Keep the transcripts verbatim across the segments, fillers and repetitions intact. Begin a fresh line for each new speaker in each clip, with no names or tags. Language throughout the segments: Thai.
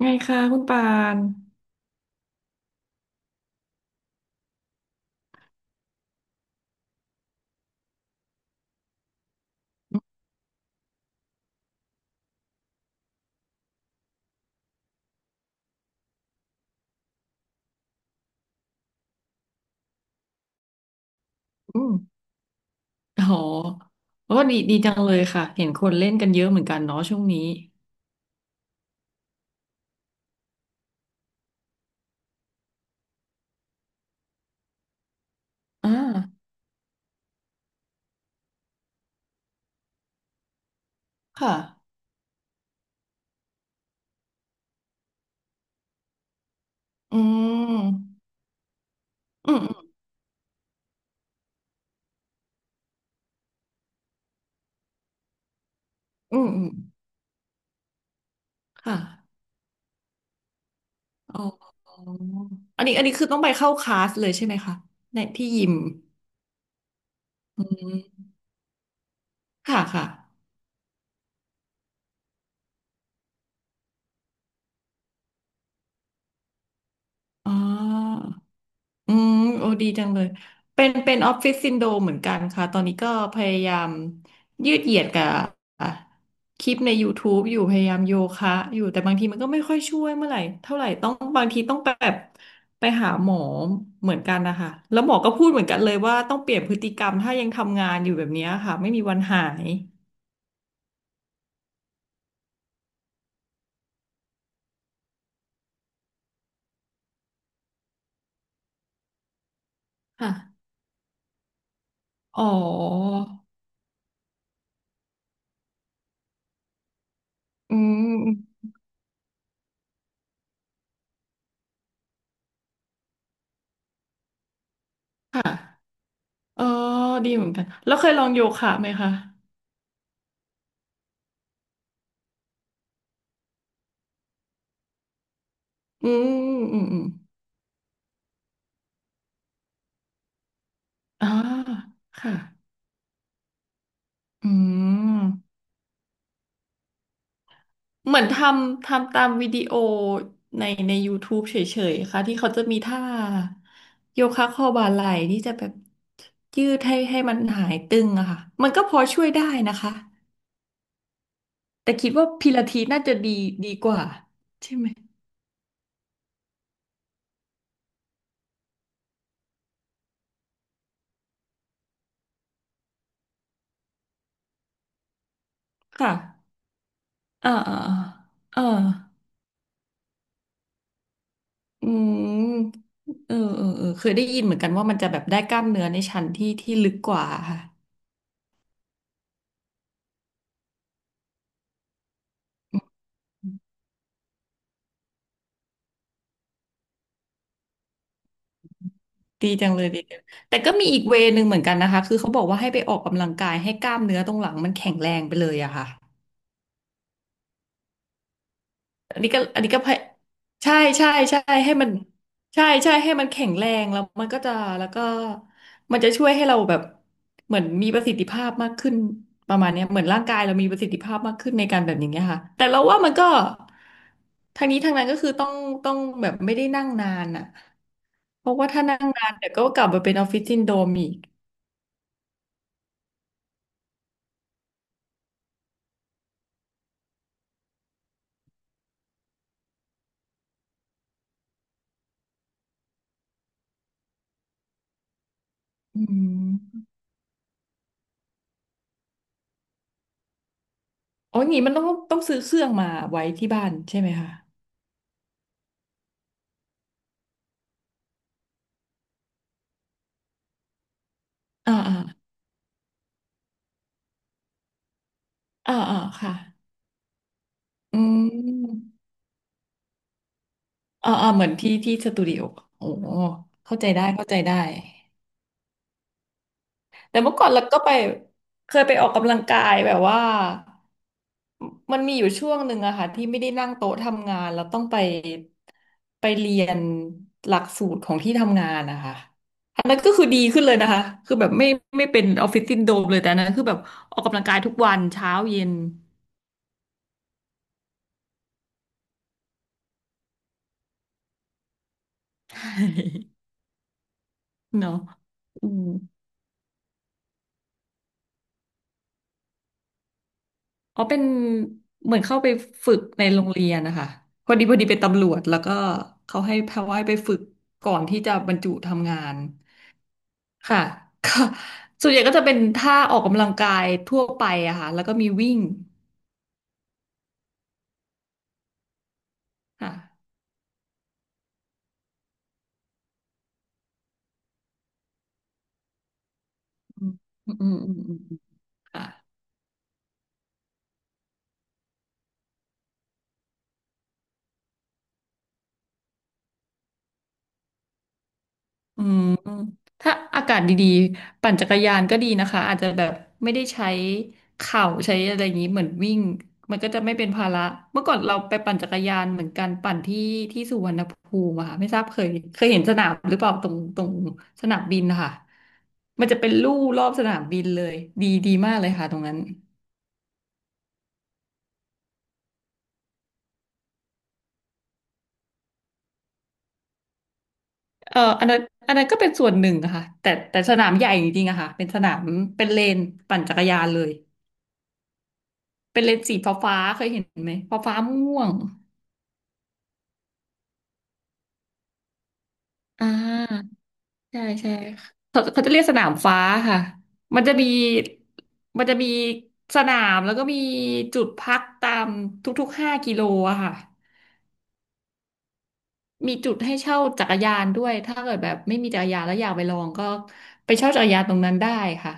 ไงคะคุณปานอืมโอ้โหโอ้ดีดีจังเลยค่ะ เห็นคนเล่นกันเยอะเหมือนกันเนาะช่วงนี้อ่าค่ะ อืม อืม อืม อืม ค่ะ อ๋ออันนี้อันนี้คือต้องไปเข้าคลาสเลยใช่ไหมคะในที่ยิมอืมค่ะค่ะ อ๋อ อืมโอ้ดีจังเลยเป็นเป็นออฟฟิศซินโดรมเหมือนกันค่ะตอนนี้ก็พยายามยืดเหยียดกับอ่ะคลิปใน YouTube อยู่พยายามโยคะอยู่แต่บางทีมันก็ไม่ค่อยช่วยเมื่อไหร่เท่าไหร่ต้องบางทีต้องแบบไปหาหมอเหมือนกันนะคะแล้วหมอก็พูดเหมือนกันเลยว่าต้องเปลี่ยนพฤติกรรมถ้ายังทำงานอยู่แบบเนี้ยค่ะไม่มีวันหายค่ะอ๋ออืมค่ะเออดีเหมือนกันแล้วเคยลองโยคะไหมคะอืมอืมอืม อ๋อค่ะอืมเหมือนทำทำตามวิดีโอในใน YouTube เฉยๆค่ะที่เขาจะมีท่าโยคะคอบ่าไหล่ที่จะแบบยืดให้ให้มันหายตึงอะค่ะมันก็พอช่วยได้นะคะแต่คิดว่าพิลาทิสน่าจะดีดีกว่าใช่ไหมค่ะอ่าอ่าอ่าอืมเออเออเออเคยได้ยินเหมือนกันว่ามันจะแบบได้กล้ามเนื้อในชั้นที่ที่ลึกกว่าค่ะ ดีจังเลยดีจังแต่ก็มีอีกเวย์หนึ่งเหมือนกันนะคะคือเขาบอกว่าให้ไปออกกำลังกายให้กล้ามเนื้อตรงหลังมันแข็งแรงไปเลยอะค่ะอันนี้ก็อันนี้ก็พยใช่ใช่ใช่ให้มันใช่ใช่ให้มันแข็งแรงแล้วมันก็จะแล้วก็มันจะช่วยให้เราแบบเหมือนมีประสิทธิภาพมากขึ้นประมาณเนี้ยเหมือนร่างกายเรามีประสิทธิภาพมากขึ้นในการแบบอย่างเงี้ยค่ะแต่เราว่ามันก็ทางนี้ทางนั้นก็คือต้องต้องแบบไม่ได้นั่งนานอะเพราะว่าถ้านั่งนานเดี๋ยวก็กลับมาเป็นออฟฟิศซินโดรมอีก อืมอ๋ออย่างงี้มันต้องต้องซื้อเครื่องมาไว้ที่บ้านใช่ไหมคะอ่าอ่าอ่าอ่าค่ะอืมอ่าอ่าเหมือนที่ที่สตูดิโอโอ้เข้าใจได้เข้าใจได้ แต่เมื่อก่อนเราก็ไปเคยไปออกกำลังกายแบบว่ามันมีอยู่ช่วงหนึ่งอะค่ะที่ไม่ได้นั่งโต๊ะทำงานแล้วต้องไปไปเรียนหลักสูตรของที่ทำงานนะคะอันนั้นก็คือดีขึ้นเลยนะคะคือแบบไม่ไม่เป็นออฟฟิศซินโดรมเลยแต่อันนั้นคือแบบออกกำลังกายทุกวันเช้าเย็น เนาะอืม อ๋อเป็นเหมือนเข้าไปฝึกในโรงเรียนนะคะพอดีพอดีเป็นตำรวจแล้วก็เขาให้พาว่ายไปฝึกก่อนที่จะบรรจุทำงานค่ะ ก็ส่วนใหญ่ก็จะเป็นท่าออกกำลังกายทั่วไปอะค่ะแล้วก็มีวิ่งค่ะอืมอืมอืมอืมอืมค่ะ อืมถ้าอากาศดีๆปั่นจักรยานก็ดีนะคะอาจจะแบบไม่ได้ใช้เข่าใช้อะไรอย่างนี้เหมือนวิ่งมันก็จะไม่เป็นภาระเมื่อก่อนเราไปปั่นจักรยานเหมือนกันปั่นที่ที่สุวรรณภูมิอะค่ะไม่ทราบเคยเคยเห็นสนามหรือเปล่าตรงตรงสนามบินนะคะมันจะเป็นลู่รอบสนามบินเลยดีดีมากเลยค่ะตรงนั้นเอออันนั้นอันนั้นก็เป็นส่วนหนึ่งอะค่ะแต่แต่สนามใหญ่จริงๆอะค่ะเป็นสนามเป็นเลนปั่นจักรยานเลย เป็นเลนส์สีฟ้าๆเคยเห็นไหมฟ้าๆม่วงอ่าใช่ใช่เขาเขาจะเรียกสนามฟ้าค่ะมันจะมีมันจะมีสนามแล้วก็มีจุดพักตามทุกๆห้ากิโลอะค่ะมีจุดให้เช่าจักรยานด้วยถ้าเกิดแบบไม่มีจักรยานแล้วอยากไปลองก็ไปเช่าจักรยานตรงนั้นได้ค่ะ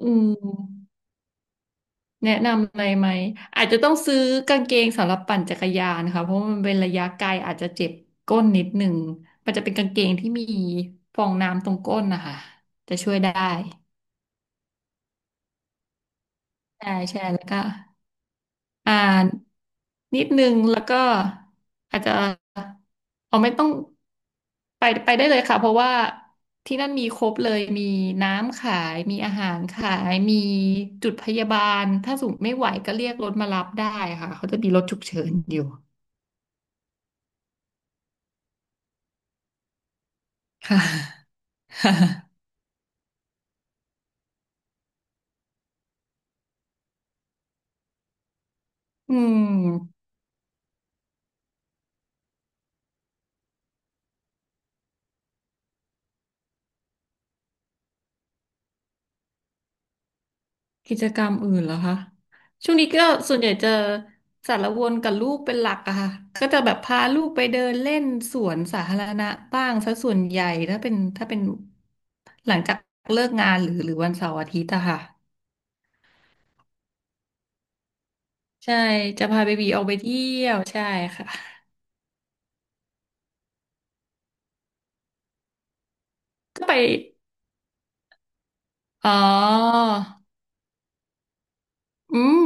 อืม แนะนำอะไรไหม อาจจะต้องซื้อกางเกงสำหรับปั่นจักรยานค่ะเพราะมันเป็นระยะไกลอาจจะเจ็บก้นนิดหนึ่ง มันจะเป็นกางเกงที่มีฟองน้ำตรงก้นนะคะ จะช่วยได้ ใช่ใช่แล้วก็ อ่านนิดนึงแล้วก็อาจจะเอาไม่ต้องไปไปได้เลยค่ะเพราะว่าที่นั่นมีครบเลยมีน้ำขายมีอาหารขายมีจุดพยาบาลถ้าสมมติไม่ไหวก็เรียกรถมารับได้ค่ะเขาจะมีรถฉุกเฉินอยู่ค่ะ อืม กิจกรรมอื่นเหรอคะช่วงนี้ก็ส่วนใหญ่จะสารวนกับลูกเป็นหลักอะค่ะ ก็จะแบบพาลูกไปเดินเล่นสวนสาธารณะบ้างซะส่วนใหญ่ถ้าเป็นถ้าเป็นหลังจากเลิกงานหรือหรือวันเสาร์อาทิตย์อะค่ะใช่จะพาเบบีออกไปเที่ยวใช่ค่ะก็ไปอ๋อ อืม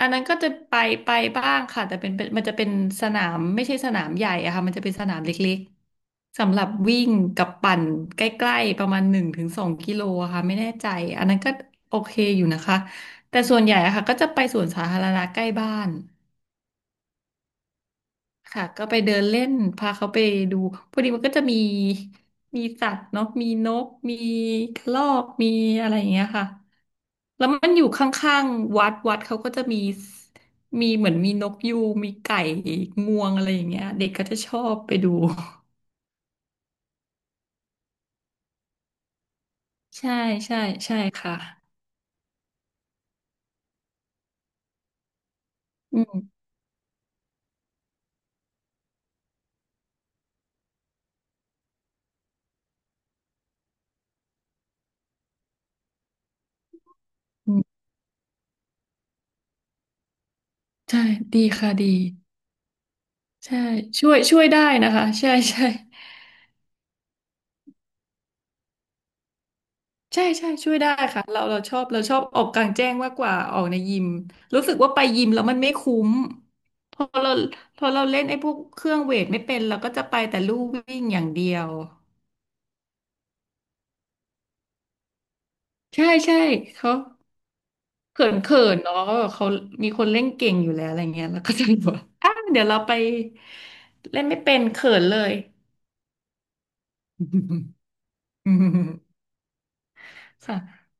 อันนั้นก็จะไปไปบ้างค่ะแต่เป็นเป็นมันจะเป็นสนามไม่ใช่สนามใหญ่อะค่ะมันจะเป็นสนามเล็กๆสำหรับวิ่งกับปั่นใกล้ๆประมาณหนึ่งถึงสองกิโลอะค่ะไม่แน่ใจอันนั้นก็โอเคอยู่นะคะแต่ส่วนใหญ่อะค่ะก็จะไปสวนสาธารณะใกล้บ้าน ค่ะก็ไปเดินเล่นพาเขาไปดูพอดีมันก็จะมีมีสัตว์เนาะมีนกมีกระรอกมีอะไรอย่างเงี้ยค่ะแล้วมันอยู่ข้างๆวัดวัดเขาก็จะมีมีเหมือนมีนกยูงมีไก่งวงอะไรอย่างเงี้ยเด็กก็จะชอบไปดู ใช่ใช่ใช่ค่ะอืมอืมใช่ดีค่ะดีใช่ช่วยช่วยได้นะคะใช่ใช่ ใช่ใช่ช่วยได้ค่ะเราเราชอบเราชอบออกกลางแจ้งมากกว่าออกในยิมรู้สึกว่าไปยิมแล้วมันไม่คุ้มพอเราพอเราเล่นไอ้พวกเครื่องเวทไม่เป็นเราก็จะไปแต่ลู่วิ่งอย่างเดียวใช่ใช่เขาเขินเขินเนาะเขามีคนเล่นเก่งอยู่แล้วอะไรเงี้ยแล้วก็จะบอกว่า อ่ะเดี๋ยวเราไปเล่นไม่เป็นเขินเลย อืมค่ะ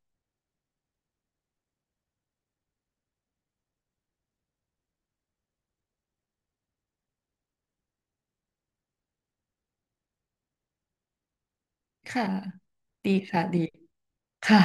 ค่ะดีค่ะดีค่ะ